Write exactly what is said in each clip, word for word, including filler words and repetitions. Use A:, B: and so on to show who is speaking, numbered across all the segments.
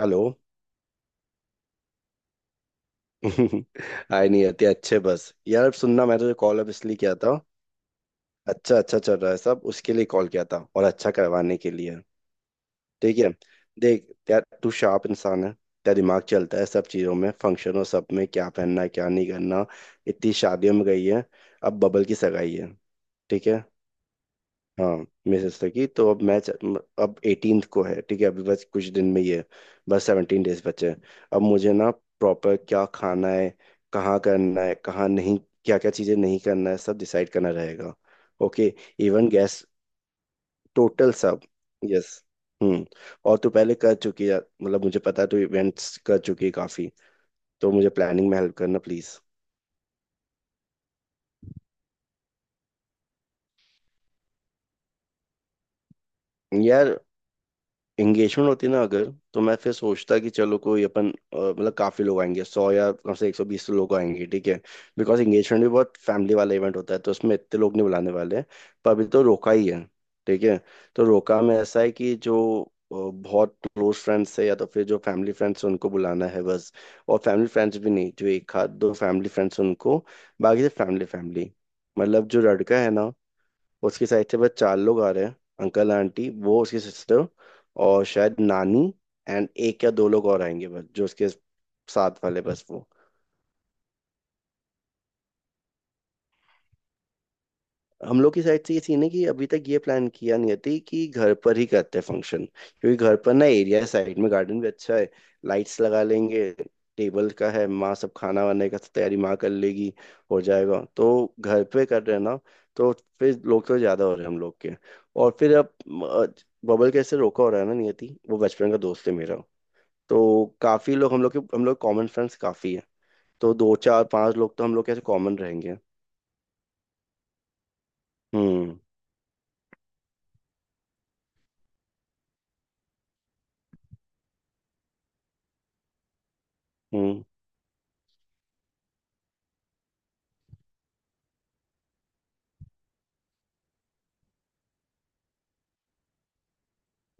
A: Hello. हाय नहीं आती अच्छे बस, यार सुनना, मैं तुझे कॉल अब इसलिए किया था। अच्छा अच्छा चल रहा है सब। उसके लिए कॉल किया था, और अच्छा करवाने के लिए। ठीक है। देख यार, तू शार्प इंसान है, तेरा दिमाग चलता है सब चीजों में, फंक्शनों सब में, क्या पहनना है क्या नहीं करना। इतनी शादियों में गई है। अब बबल की सगाई है। ठीक है। हाँ। मिसेस लगी, तो अब मैच अब एटीन्थ को है। ठीक है, अभी बस कुछ दिन में ही है। बस सेवनटीन डेज बचे हैं। अब मुझे ना प्रॉपर क्या खाना है, कहाँ करना है कहाँ नहीं, क्या क्या चीज़ें नहीं करना है, सब डिसाइड करना रहेगा। ओके। इवन गैस, टोटल सब। यस। हम्म। और तू पहले कर चुकी है, मतलब मुझे पता है तू इवेंट्स कर चुकी है काफ़ी। तो मुझे प्लानिंग में हेल्प करना, प्लीज़। यार एंगेजमेंट होती ना, अगर तो मैं फिर सोचता कि चलो कोई अपन अ, मतलब काफी लोग आएंगे, सौ या कम से एक सौ बीस लोग आएंगे। ठीक है। बिकॉज एंगेजमेंट भी बहुत फैमिली वाला इवेंट होता है, तो उसमें इतने लोग नहीं बुलाने वाले हैं। पर अभी तो रोका ही है। ठीक है। तो रोका में ऐसा है कि जो अ, बहुत क्लोज फ्रेंड्स है या तो फिर जो फैमिली फ्रेंड्स है, उनको बुलाना है बस। और फैमिली फ्रेंड्स भी नहीं, जो एक आध दो फैमिली फ्रेंड्स उनको। बाकी से फैमिली फैमिली, मतलब जो लड़का है ना, उसकी साइड से बस चार लोग आ रहे हैं। अंकल आंटी, वो उसकी सिस्टर, और शायद नानी। एंड एक या दो लोग और आएंगे बस, जो उसके साथ वाले बस वो। हम लोग की साइड से ये सीन है कि अभी तक ये प्लान किया नहीं थी कि घर पर ही करते हैं फंक्शन, क्योंकि घर पर ना एरिया है, साइड में गार्डन भी अच्छा है। लाइट्स लगा लेंगे। टेबल का है, माँ सब खाना वाने का तैयारी माँ कर लेगी। हो जाएगा, तो घर पे कर रहे हैं ना। तो फिर लोग तो ज्यादा हो रहे हैं हम लोग के। और फिर अब अ, बबल कैसे रोका हो रहा है ना नियति, वो बचपन का दोस्त है मेरा। तो काफी लोग हम लोग के, हम लोग कॉमन फ्रेंड्स काफी है। तो दो चार पांच लोग तो हम लोग कैसे कॉमन रहेंगे। हम्म हम्म।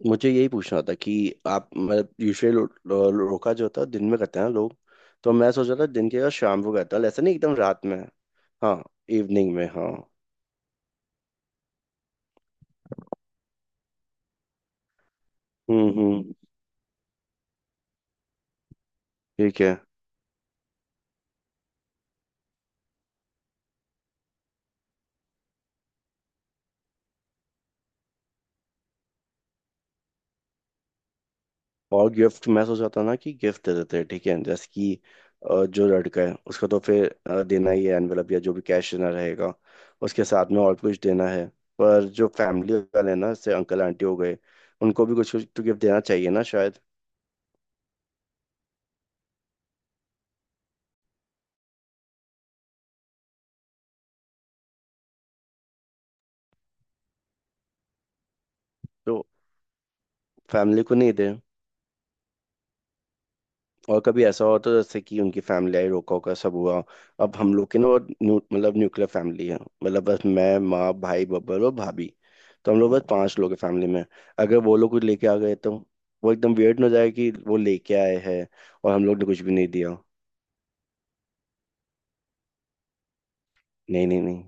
A: मुझे यही पूछना था कि आप मतलब यूजुअली लो, लो, रोका जो होता है दिन में करते हैं ना लोग। तो मैं सोच रहा था दिन के या शाम को करता हूँ, ऐसा नहीं एकदम रात में। हाँ, इवनिंग में, हाँ। हम्म हम्म। ठीक है। और गिफ्ट मैं सोच रहा था ना, कि गिफ्ट दे देते हैं, ठीक है। जैसे कि अ, जो लड़का है उसको तो फिर अ, देना ही है एनवेलप या जो भी कैश देना रहेगा। उसके साथ में और कुछ देना है। पर जो फैमिली वाले हैं ना, जैसे अंकल आंटी हो गए, उनको भी कुछ कुछ तो गिफ्ट देना चाहिए ना शायद। तो फैमिली को नहीं दे। और कभी ऐसा हो, तो जैसे कि उनकी फैमिली आई, रोका होका सब हुआ, अब हम लोग की ना वो न्यू मतलब न्यूक्लियर फैमिली है। मतलब बस मैं, माँ, भाई बब्बर और भाभी। तो हम लोग बस पांच लोग हैं फैमिली में। अगर वो लोग कुछ लेके आ गए, तो वो एकदम वियर्ड हो जाए कि वो लेके आए हैं और हम लोग ने कुछ भी नहीं दिया। नहीं नहीं नहीं।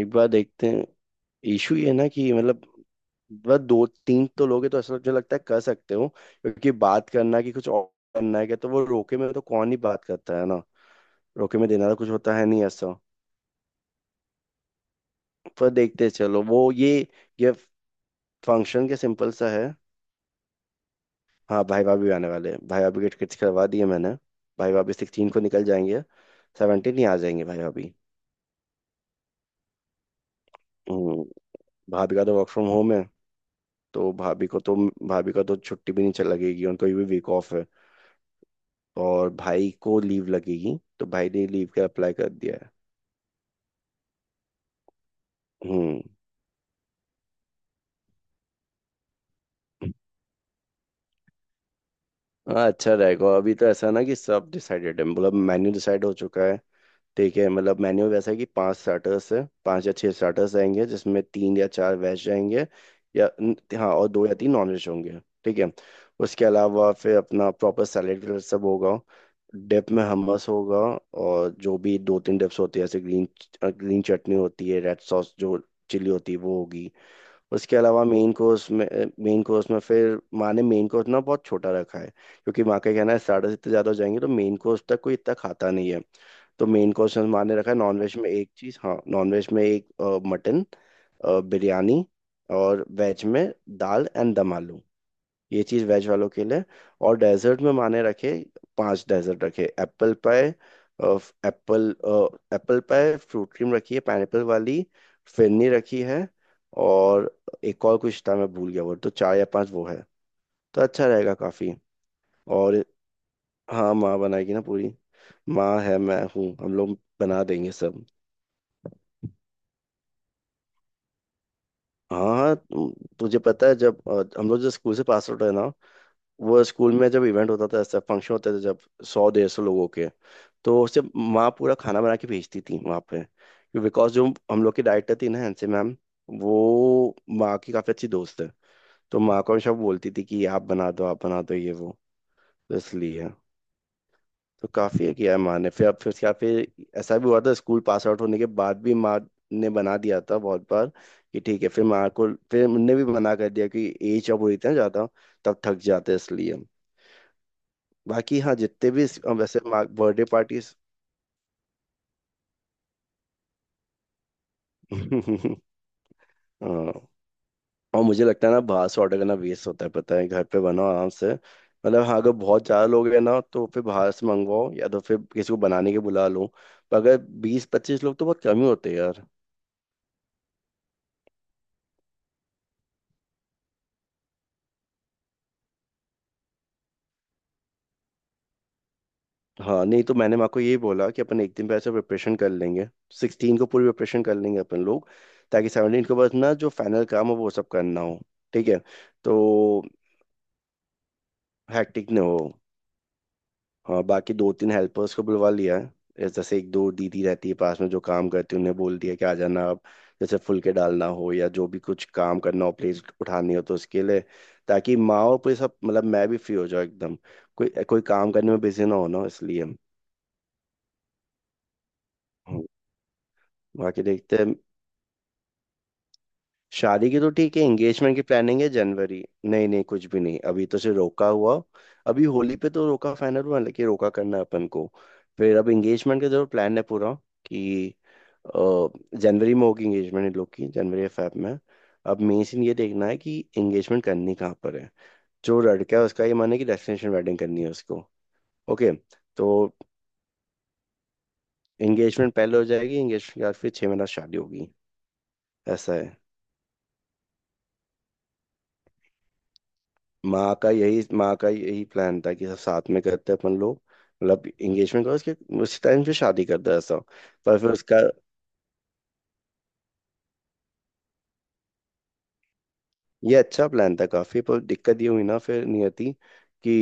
A: एक बार देखते हैं। इशू ये है ना कि मतलब बस दो तीन तो लोग हैं, तो ऐसा मुझे लगता है कर सकते हो, क्योंकि बात करना कि कुछ और करना है क्या, तो वो रोके में तो कौन ही बात करता है ना। रोके में देना तो कुछ होता है नहीं ऐसा। पर देखते चलो वो ये ये फंक्शन के सिंपल सा है। हाँ, भाई भाभी आने वाले हैं। भाई भाभी के टिकट्स करवा दिए मैंने। भाई भाभी सिक्सटीन को निकल जाएंगे। सेवनटीन ही आ जाएंगे भाई भाभी। हम्म, भाभी का तो वर्क फ्रॉम होम है। तो, भाभी को तो भाभी का तो छुट्टी भी नहीं चल लगेगी, उनको भी वीक ऑफ है। और भाई को लीव लगेगी, तो भाई ने लीव का अप्लाई कर दिया है। हम्म। हाँ, अच्छा रहेगा। अभी तो ऐसा ना कि सब डिसाइडेड है, मतलब मेन्यू डिसाइड हो चुका है। ठीक है, मतलब मेन्यू वैसा है कि पांच स्टार्टर्स है, पांच या छह स्टार्टर्स आएंगे, जिसमें तीन या चार वेज जाएंगे। या न- हाँ, और दो या तीन नॉन वेज होंगे। ठीक है। उसके अलावा फिर अपना प्रॉपर सैलेड सब होगा। डिप में हमस होगा। और जो भी दो तीन डिप्स होती है, जैसे ग्रीन, ग्रीन चटनी होती है, रेड सॉस, जो चिली होती है, वो होगी। उसके अलावा मेन कोर्स में, मेन कोर्स में फिर माँ ने मेन कोर्स ना बहुत छोटा रखा है। क्योंकि माँ का कहना है स्टार्टर्स इतने ज़्यादा हो जाएंगे, तो मेन कोर्स तक कोई इतना खाता नहीं है। तो मेन कोर्स में माँ ने रखा है, नॉनवेज में एक चीज़, हाँ नॉनवेज में एक मटन बिरयानी, और वेज में दाल एंड दम आलू, ये चीज़ वेज वालों के लिए। और डेजर्ट में माने रखे, पांच डेजर्ट रखे, apple pie, apple, apple pie, fruit cream रखी है पाइनएप्पल वाली, फिरनी रखी है, और एक और कुछ था मैं भूल गया। वो तो चार या पांच वो है, तो अच्छा रहेगा काफ़ी। और हाँ, माँ बनाएगी ना पूरी। माँ है, मैं हूँ, हम लोग बना देंगे सब। हाँ हाँ, तु- तुझे पता है जब अ, हम लोग जो स्कूल से पास आउट है ना, वो स्कूल में जब इवेंट होता था, ऐसा फंक्शन होते थे जब सौ डेढ़ सौ लोगों के, तो उससे माँ पूरा खाना बना के भेजती थी वहाँ पे। बिकॉज जो हम लोग की डाइटर थी ना, हैंसी मैम, वो माँ की काफ़ी अच्छी दोस्त है। तो माँ को हमेशा बोलती थी कि आप बना दो, आप बना दो ये वो, तो इसलिए, तो काफ़ी किया है माँ ने। फिर अब फिर उसके बाद फिर ऐसा भी हुआ था, स्कूल पास आउट होने के बाद भी माँ ने बना दिया था बहुत बार। कि ठीक है, फिर माँ को फिर उनने भी मना कर दिया कि एज जब हो जाती है ना ज़्यादा, तब थक जाते हैं इसलिए। बाकी हाँ, जितने भी इस- वैसे माँ बर्थडे पार्टीज। हाँ, और मुझे लगता है ना बाहर से ऑर्डर करना वेस्ट होता है, पता है। घर पे बनाओ आराम से, मतलब हाँ, अगर बहुत ज़्यादा लोग हैं ना, तो फिर बाहर से मंगवाओ, या तो फिर किसी को बनाने के बुला लो। पर अगर बीस पच्चीस लोग तो बहुत कम ही होते हैं यार। हाँ, नहीं तो मैंने माँ को यही बोला कि अपन एक दिन पहले से प्रिपरेशन कर लेंगे। सिक्सटीन को पूरी प्रिपरेशन कर लेंगे अपन लोग, ताकि सेवनटीन को बस ना जो फाइनल काम हो वो सब करना हो। ठीक है। तो हैक्टिक ना हो। हाँ, बाकी दो तीन हेल्पर्स को बुलवा लिया है, ऐसे- जैसे एक दो दीदी रहती है पास में जो काम करती है, उन्हें बोल दिया कि आ जाना आप। जैसे फुलके डालना हो या जो भी कुछ काम करना हो, प्लेट उठानी हो, तो उसके लिए, ताकि माँ और पूरे सब, मतलब मैं भी फ्री हो जाऊँ एकदम, कोई कोई काम करने में बिजी ना हो ना, इसलिए। हम्म। बाकी देखते हैं। शादी की तो ठीक है, एंगेजमेंट की प्लानिंग है, जनवरी, नहीं नहीं, कुछ भी नहीं, अभी तो सिर्फ रोका हुआ। अभी होली पे तो रोका फाइनल हुआ, लेकिन रोका करना है अपन को। फिर अब एंगेजमेंट का जरूर प्लान है पूरा, कि अ, जनवरी में होगी एंगेजमेंट इन लोग की, जनवरी या फेब में। अब मेन सीन ये देखना है कि एंगेजमेंट करनी कहाँ पर है। जो लड़का है उसका ये माने कि डेस्टिनेशन वेडिंग करनी है उसको। ओके। तो एंगेजमेंट पहले हो जाएगी, एंगेजमेंट के बाद फिर छह महीना शादी होगी। ऐसा है, माँ का यही माँ का यही प्लान था कि सब साथ में करते अपन लोग, मतलब एंगेजमेंट का, उसके उसी टाइम से शादी कर दिया सब। पर फिर उसका, ये अच्छा प्लान था काफी, पर दिक्कत ये हुई ना फिर नियति, कि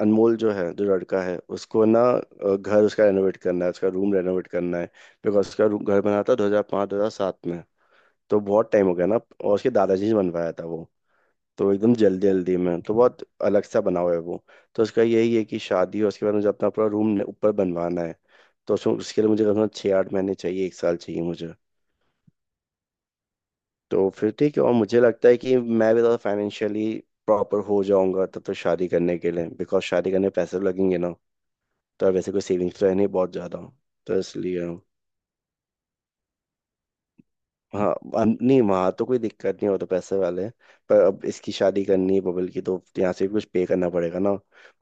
A: अनमोल जो है, जो लड़का है, उसको ना अ, घर उसका रेनोवेट करना है, उसका रूम रेनोवेट करना है। बिकॉज उसका रूम, घर बना था दो हजार पाँच दो हजार सात में। तो बहुत टाइम हो गया ना, और उसके दादाजी ने बनवाया था वो। तो एकदम जल्दी जल्दी में तो बहुत अलग सा बना हुआ है वो। तो उसका यही है कि शादी है, उसके बाद मुझे अपना पूरा रूम ऊपर बनवाना है। तो उसमें, उसके लिए मुझे कम से कम छः आठ महीने चाहिए, एक साल चाहिए मुझे। तो फिर ठीक है, और मुझे लगता है कि मैं भी ज़्यादा फाइनेंशियली प्रॉपर हो जाऊंगा तब, तो शादी करने के लिए। बिकॉज शादी करने में पैसे तो लगेंगे ना। तो वैसे कोई सेविंग्स तो है नहीं बहुत ज़्यादा। तो इसलिए। हाँ, अम- नहीं वहाँ तो कोई दिक्कत नहीं हो, तो पैसे वाले हैं। पर अब इसकी शादी करनी है बबल की, तो यहाँ से भी कुछ पे करना पड़ेगा ना।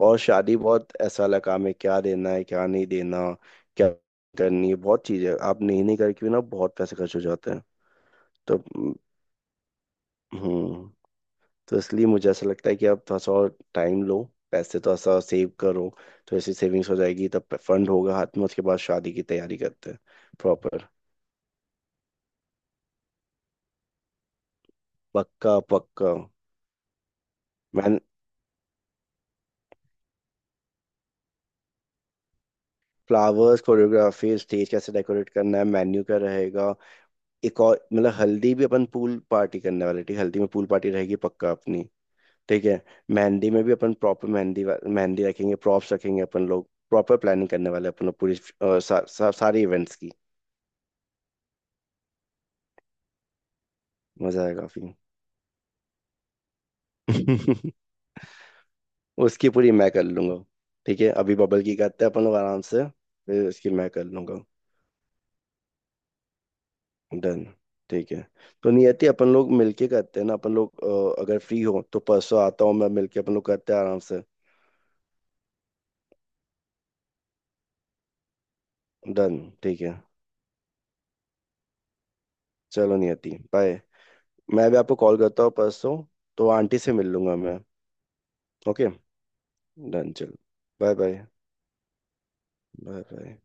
A: और शादी बहुत ऐसा वाला काम है, क्या देना है क्या नहीं देना, क्या करनी है, बहुत चीज़ें आप नहीं नहीं करके भी ना बहुत पैसे खर्च हो जाते हैं। तो हम्म। तो इसलिए मुझे ऐसा लगता है कि आप थोड़ा सा और टाइम लो, पैसे थोड़ा सा सेव करो, तो ऐसी सेविंग्स हो जाएगी, तब फंड होगा हाथ में, उसके बाद शादी की तैयारी करते हैं। प्रॉपर। पक्का पक्का। मैंने, फ्लावर्स, कोरियोग्राफी, स्टेज कैसे डेकोरेट करना है, मेन्यू क्या रहेगा। एक और मतलब, हल्दी भी अपन पूल पार्टी करने वाले, ठीक है? हल्दी में पूल पार्टी रहेगी पक्का अपनी। ठीक है। मेहंदी में भी अपन प्रॉपर मेहंदी वा- मेहंदी रखेंगे, प्रॉप्स रखेंगे अपन लोग, प्रॉपर प्लानिंग करने वाले हैं अपन लोग पूरी, अ, सा, सा, सारे इवेंट्स की। मजा आएगा काफी। उसकी पूरी मैं कर लूंगा। ठीक है, अभी बबल की करते हैं अपन लोग आराम से, फिर उसकी मैं कर लूंगा। डन। ठीक है। तो नियति, अपन लोग मिलके करते हैं ना, अपन लोग। अ, अगर फ्री हो तो परसों आता हूँ, मैं मिलके, अपन लोग करते हैं आराम से। डन। ठीक है। चलो नियति, बाय। मैं भी आपको कॉल करता हूँ परसों, तो आंटी से मिल लूंगा मैं। ओके। डन, चलो। Bye bye. Bye bye.